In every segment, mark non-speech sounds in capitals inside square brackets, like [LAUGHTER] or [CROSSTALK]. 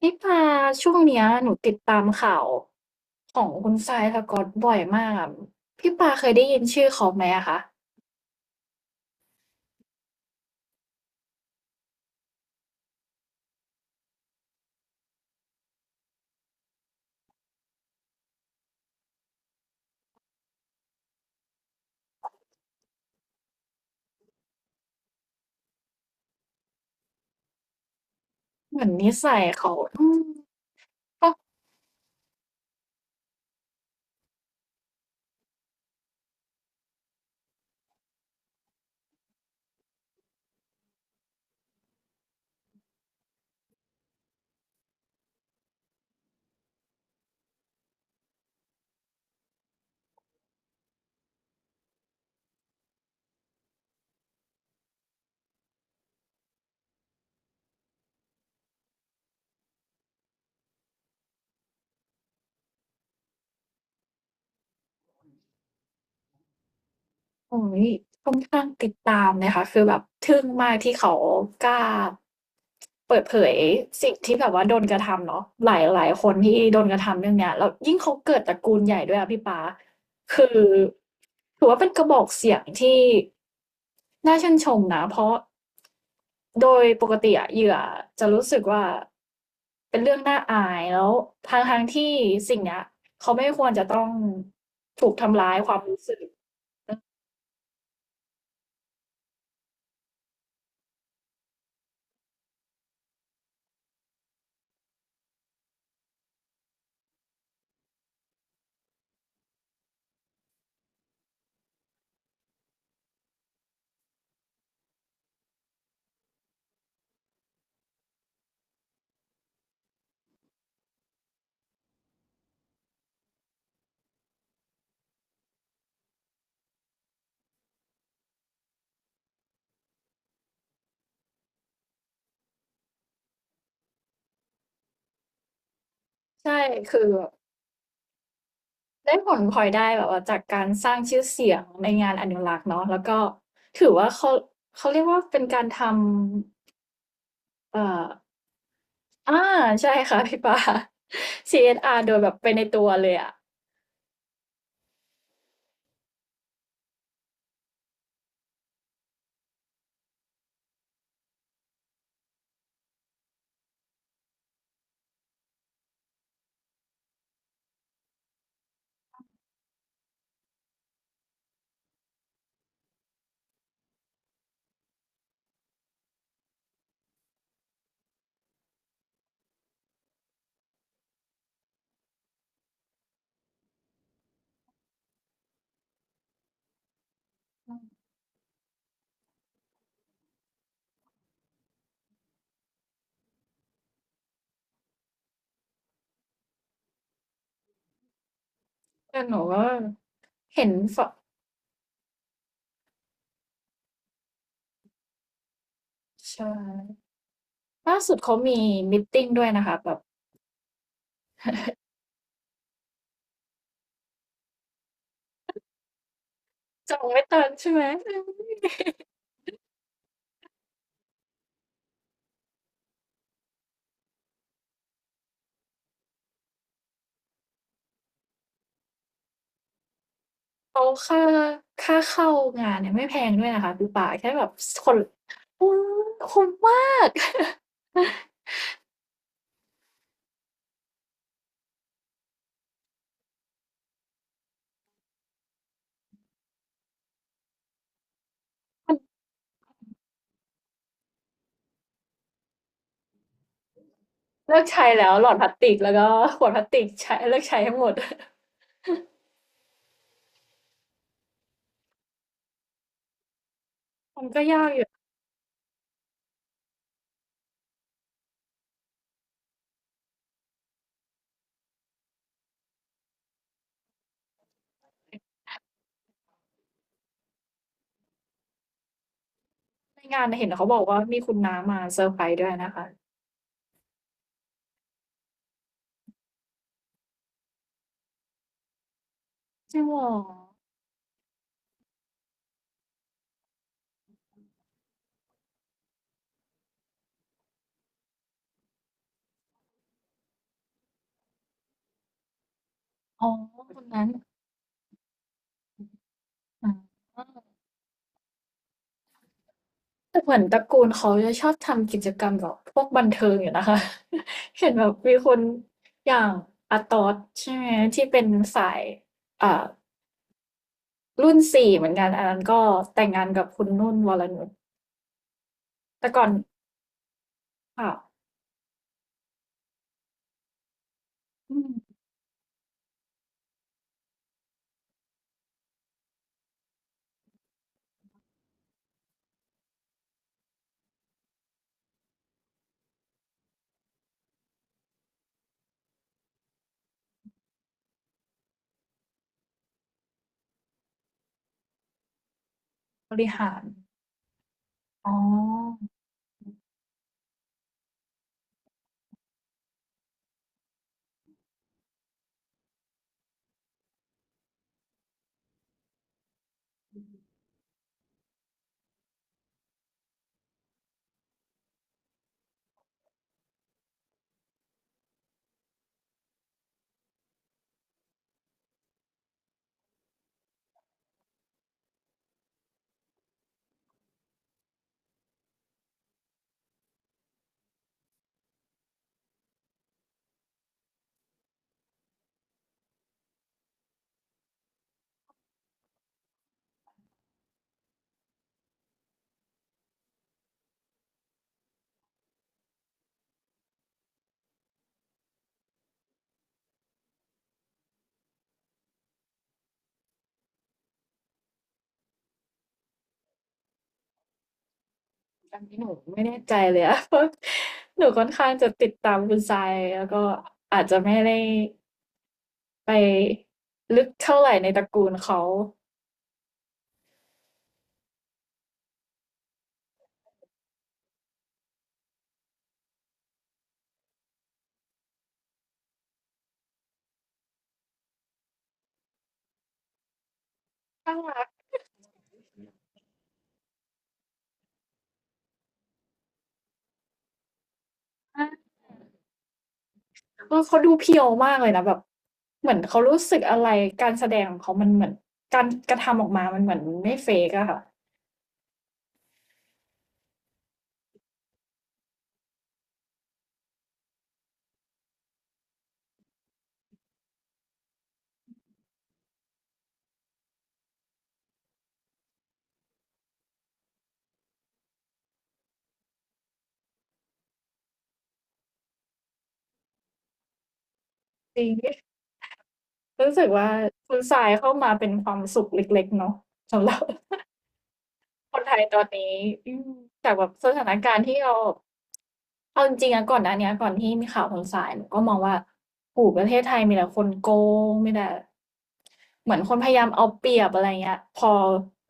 พี่ปาช่วงเนี้ยหนูติดตามข่าวของคุณทรายสก๊อตบ่อยมากอะพี่ปาเคยได้ยินชื่อเขาไหมอะคะเหมือนนิสัยเขาอืมก็ โอ้โฮค่อนข้างติดตามนะคะคือแบบทึ่งมากที่เขากล้าเปิดเผยสิ่งที่แบบว่าโดนกระทำเนาะหลายหลายคนที่โดนกระทำเรื่องเนี้ยแล้วยิ่งเขาเกิดตระกูลใหญ่ด้วยอะพี่ป๊าคือถือว่าเป็นกระบอกเสียงที่น่าชื่นชมนะเพราะโดยปกติอะเหยื่อจะรู้สึกว่าเป็นเรื่องน่าอายแล้วทั้งๆที่สิ่งเนี้ยเขาไม่ควรจะต้องถูกทำร้ายความรู้สึก ใช่ คือแบบได้ผลพลอยได้แบบว่าจากการสร้างชื่อเสียงในงานอนุรักษ์เนาะแล้วก็ถือว่าเขาเขาเรียกว่าเป็นการทำเอ่ออาใช่ค่ะพี่ปา [LAUGHS] CSR โดยแบบไปในตัวเลยอะอืมแต่หนูว่าเห็นฝใช่ล่าสุดเขามีมีตติงด้วยนะคะแบบจองไม่ทันใช่ไหมอืมเขาค่าค่าเข้างานเนี่ยไม่แพงด้วยนะคะพี่ปาแค่แบบสคนโอ้คุ้มมาก [LAUGHS] มัน เลิกใช้แล้วหลอดพลาสติกแล้วก็ขวดพลาสติกใช้เลิกใช้ทั้งหมด [LAUGHS] มันก็ยากอยู่ในงานเห็นเขาบอกว่ามีคุณน้ามาเซอร์ไพรส์ด้วยนะคะจริงเหรออ๋อคนนั้นอ๋อแต่เหมือนตระกูลเขาจะชอบทำกิจกรรมแบบพวกบันเทิงอยู่นะคะ [LAUGHS] เห็นแบบมีคนอย่างอาตอสใช่ไหมที่เป็นสายอ่ารุ่นสี่เหมือนกันอันนั้นก็แต่งงานกับคุณนุ่นวรนุชแต่ก่อนค่ะอืมบริหารอ๋อ อันนี้หนูไม่แน่ใจเลยอะ [LAUGHS] เพราะหนูค่อนข้างจะติดตามคุณทรายแล้วก็อาจจะไม่ได้ไปลึกเท่าไหร่ในตระกูลเขาน่ารักมากเออเขาดูเพียวมากเลยนะแบบเหมือนเขารู้สึกอะไรการแสดงของเขามันเหมือนการกระทำออกมามันเหมือนไม่เฟกอะค่ะจริงรู้สึกว่าคุณทรายเข้ามาเป็นความสุขเล็กๆเนาะสำหรับ คนไทยตอนนี้อืมจากแบบสถานการณ์ที่เราเอาจริงๆนะก่อนหน้าเนี้ยก่อนที่มีข่าวคนสายหนูก็มองว่าโอ้โฮประเทศไทยมีแต่คนโกงมีแต่เหมือนคนพยายามเอาเปรียบอะไรเงี้ยพอ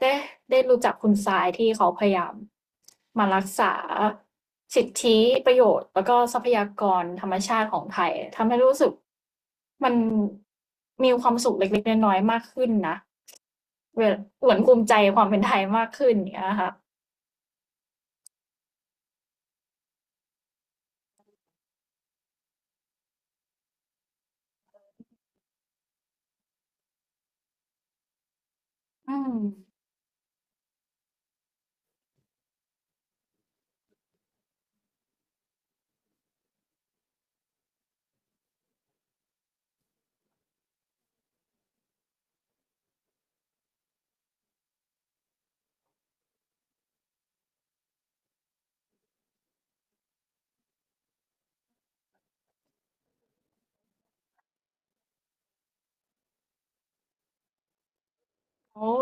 ได้ได้รู้จักคุณสายที่เขาพยายามมารักษาสิทธิประโยชน์แล้วก็ทรัพยากรธรรมชาติของไทยทำให้รู้สึกมัน [CLEARS THROAT] มีความสุขเล็กๆน้อยๆมากขึ้นนะเวหวนภูมิใจความเป็นไทยมากขึ้นอย่างเงี้ยค่ะ อืมแล้ว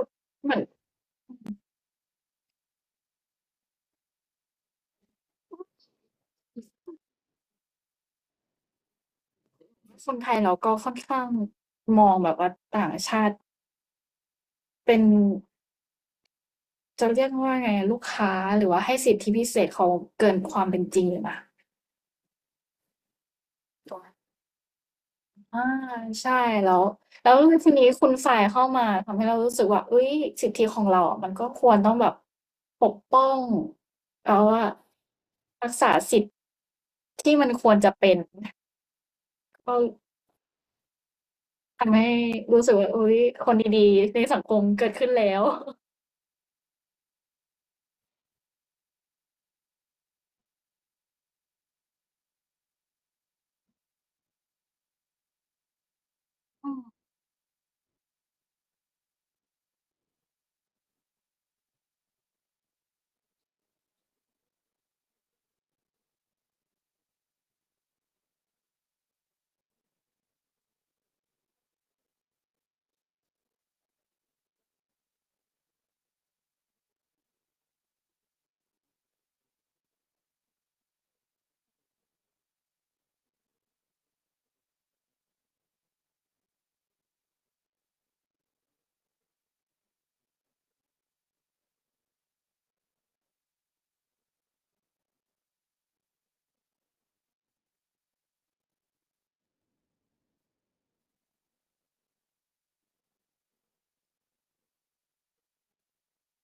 เหมือนคนไทยเราก็ค่อนข้างมองแบบว่าต่างชาติเป็นจะเรียกว่าไงลูกค้าหรือว่าให้สิทธิพิเศษเขาเกินความเป็นจริงอยู่นะตรงนั้นอาใช่แล้วแล้วทีนี้คุณฝ่ายเข้ามาทำให้เรารู้สึกว่าเฮ้ยสิทธิของเราอะมันก็ควรต้องแบบปกป้องแล้วว่ารักษาสิทธิ์ที่มันควรจะเป็นก็ทำให้รู้สึกว่าอุ๊ยคนดีๆในสังคมเกิดขึ้นแล้ว อืม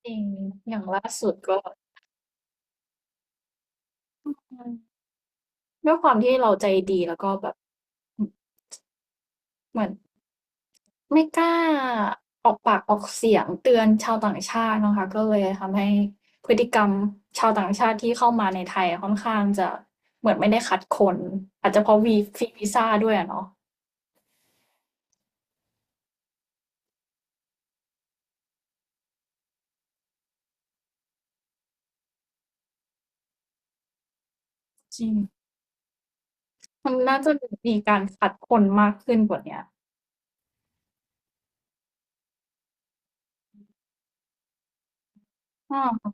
จริงอย่างล่าสุดก็อืมด้วยความที่เราใจดีแล้วก็แบบอืมเหมือนไม่กล้าออกปากออกเสียงเตือนชาวต่างชาตินะคะก็เลยทำให้พฤติกรรมชาวต่างชาติที่เข้ามาในไทยค่อนข้างจะเหมือนไม่ได้คัดคนอาจจะเพราะวีฟรีวีซาด้วยอะเนาะจริงมันน่าจะมีการคัดคนมากขึ้นกว่าเนี้ยอา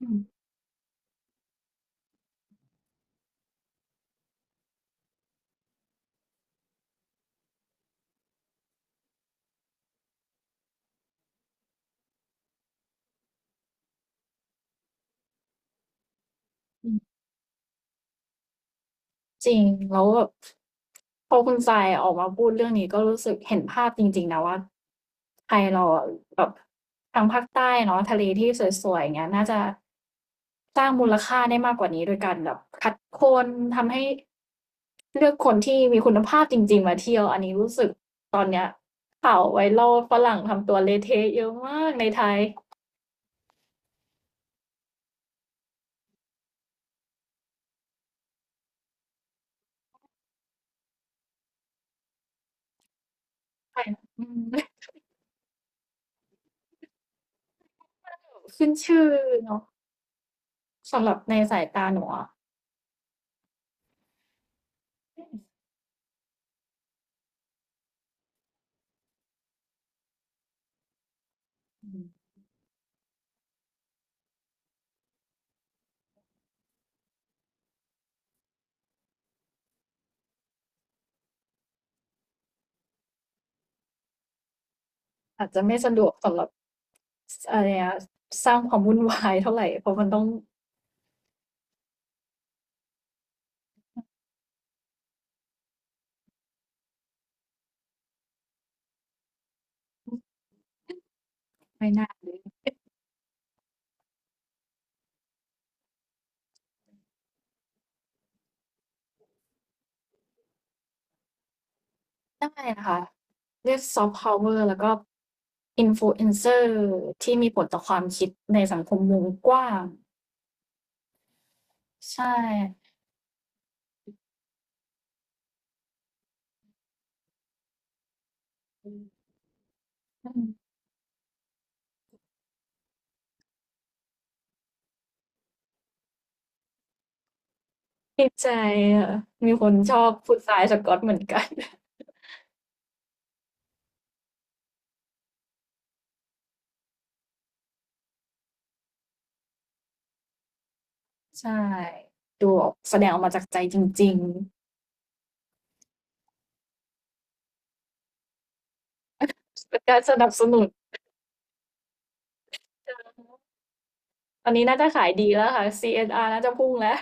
อืมจริง จริงแล้วแบบพอคุณทรายออกมาพูดเรื่องนี้ก็รู้สึกเห็นภาพจริงๆนะว่าไทยเราอะแบบทางภาคใต้เนาะทะเลที่สวยๆอย่างเงี้ยน่าจะสร้างมูลค่าได้มากกว่านี้โดยการแบบคัดคนทำให้เลือกคนที่มีคุณภาพจริงๆมาเที่ยวอันนี้รู้สึกตอนเนี้ยข่าว viral ฝรั่งทำตัวเละเทะเยอะมากในไทยไทยอืม [LAUGHS] ขึ้นชื่อเนาะสำหรับในสายตาหนูอะอืมอาจจะไม่สะดวกสำหรับ สอะไรอะสร้างความวุ่นวาย [LAUGHS] เท่าไรเพราะมันต้องไม่น่า [UNINTELLIGIBLE] เลยได้นะคะเรียกซอฟต์พาวเวอร์แล้วก็ Influencer ที่มีผลต่อความคิดในสังคมวงกว้างใช่อืมติดใจค่ะมีคนชอบคุณทรายสก็อตเหมือนกันใช่ดูออกแสดงออกมาจากใจจริงๆเป็นการสนับสนุนตอนนี้น่าจะขายดีแล้วค่ะ CSR น่าจะพุ่งแล้ว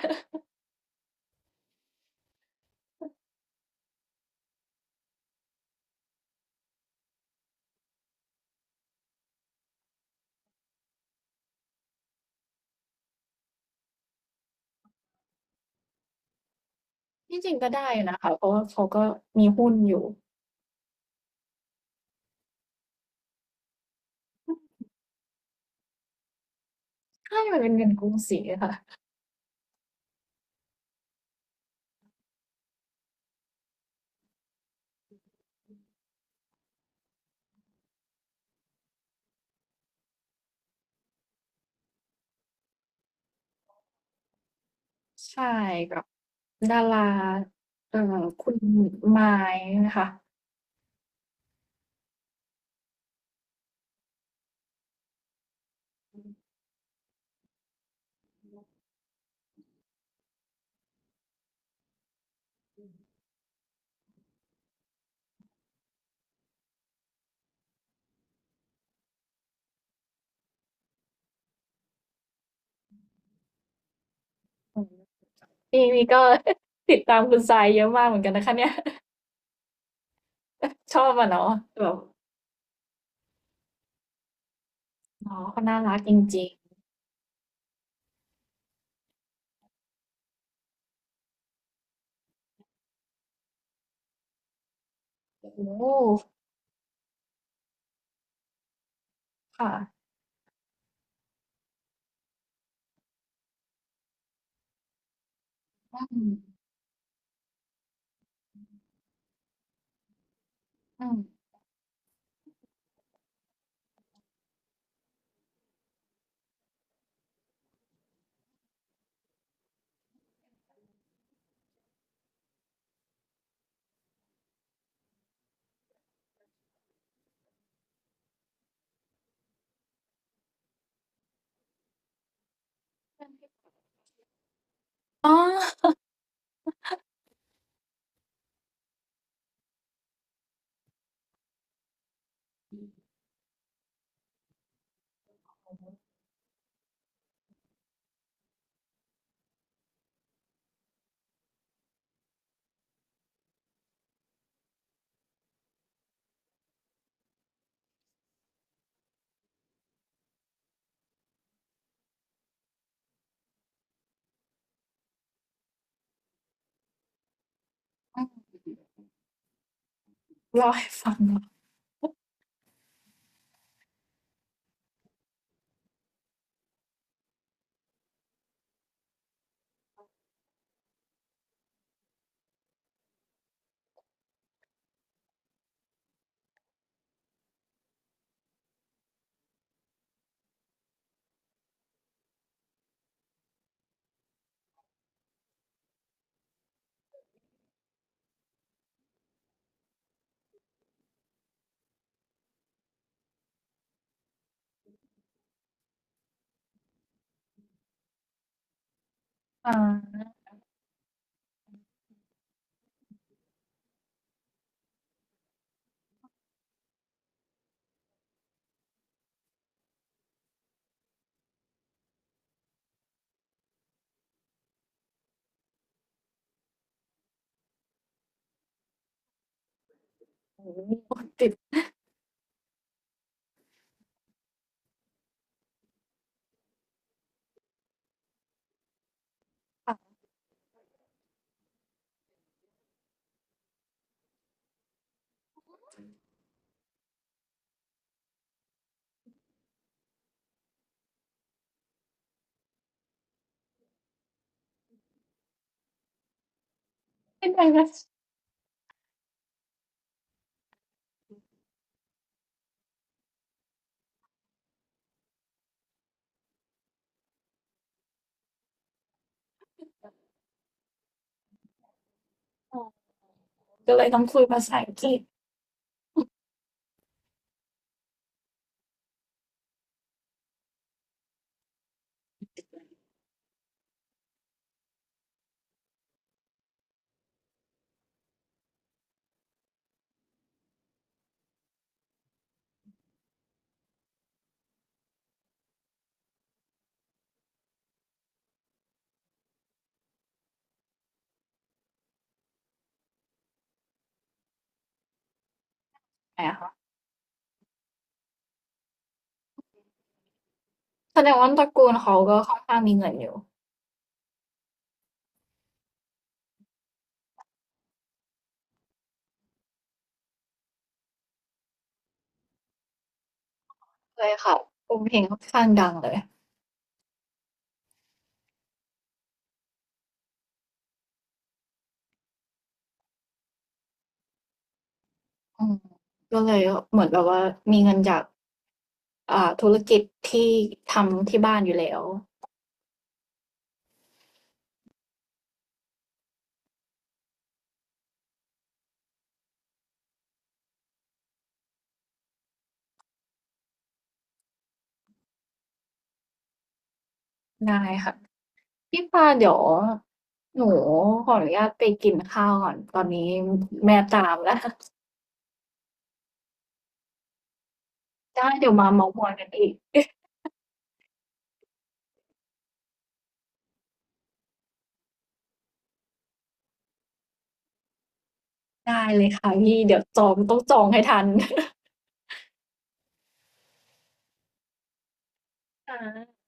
ที่จริงก็ได้อยู่นะคะเพราะว่าเขาก็มีหุ้นอยู่ ใช่มันเป็นเงินกรุงศรีอะค่ะใช่แบบดาราเอ่อคุณไมานะคะอืมนี่นี่ก็ [LAUGHS] ติดตามคุณทรายเยอะมากเหมือนกันนะคะเนี่ย [LAUGHS] ชอบอะเนาะแบบอ๋อเขาน่ารักจริงๆโอ้โหค่ะอืมอืมอ๋อเล่าให้ฟังเหรออาโอ้โหติดค่ะเป็นไงนะอ๋อก็เลยต้องคุยภาษาอังกฤษไหมอะคะแสดงว่าตระกูลเขาก็ค่อนข้างมีเงินอยู่เลยค่ะโอ้เพลงค่อนข้างดังเลย อืมก็เลยเหมือนแบบว่ามีเงินจากอ่าธุรกิจที่ทำที่บ้านอยู่แล้วได้ค่ะพี่ปาเดี๋ยวหนูขออนุญาตไปกินข้าวก่อนตอนนี้แม่ตามแล้วได้เดี๋ยวมาเม้าท์มอยกันอีกได้เลยค่ะพี่เดี๋ยวจองต้องจองให้ทันค่ะ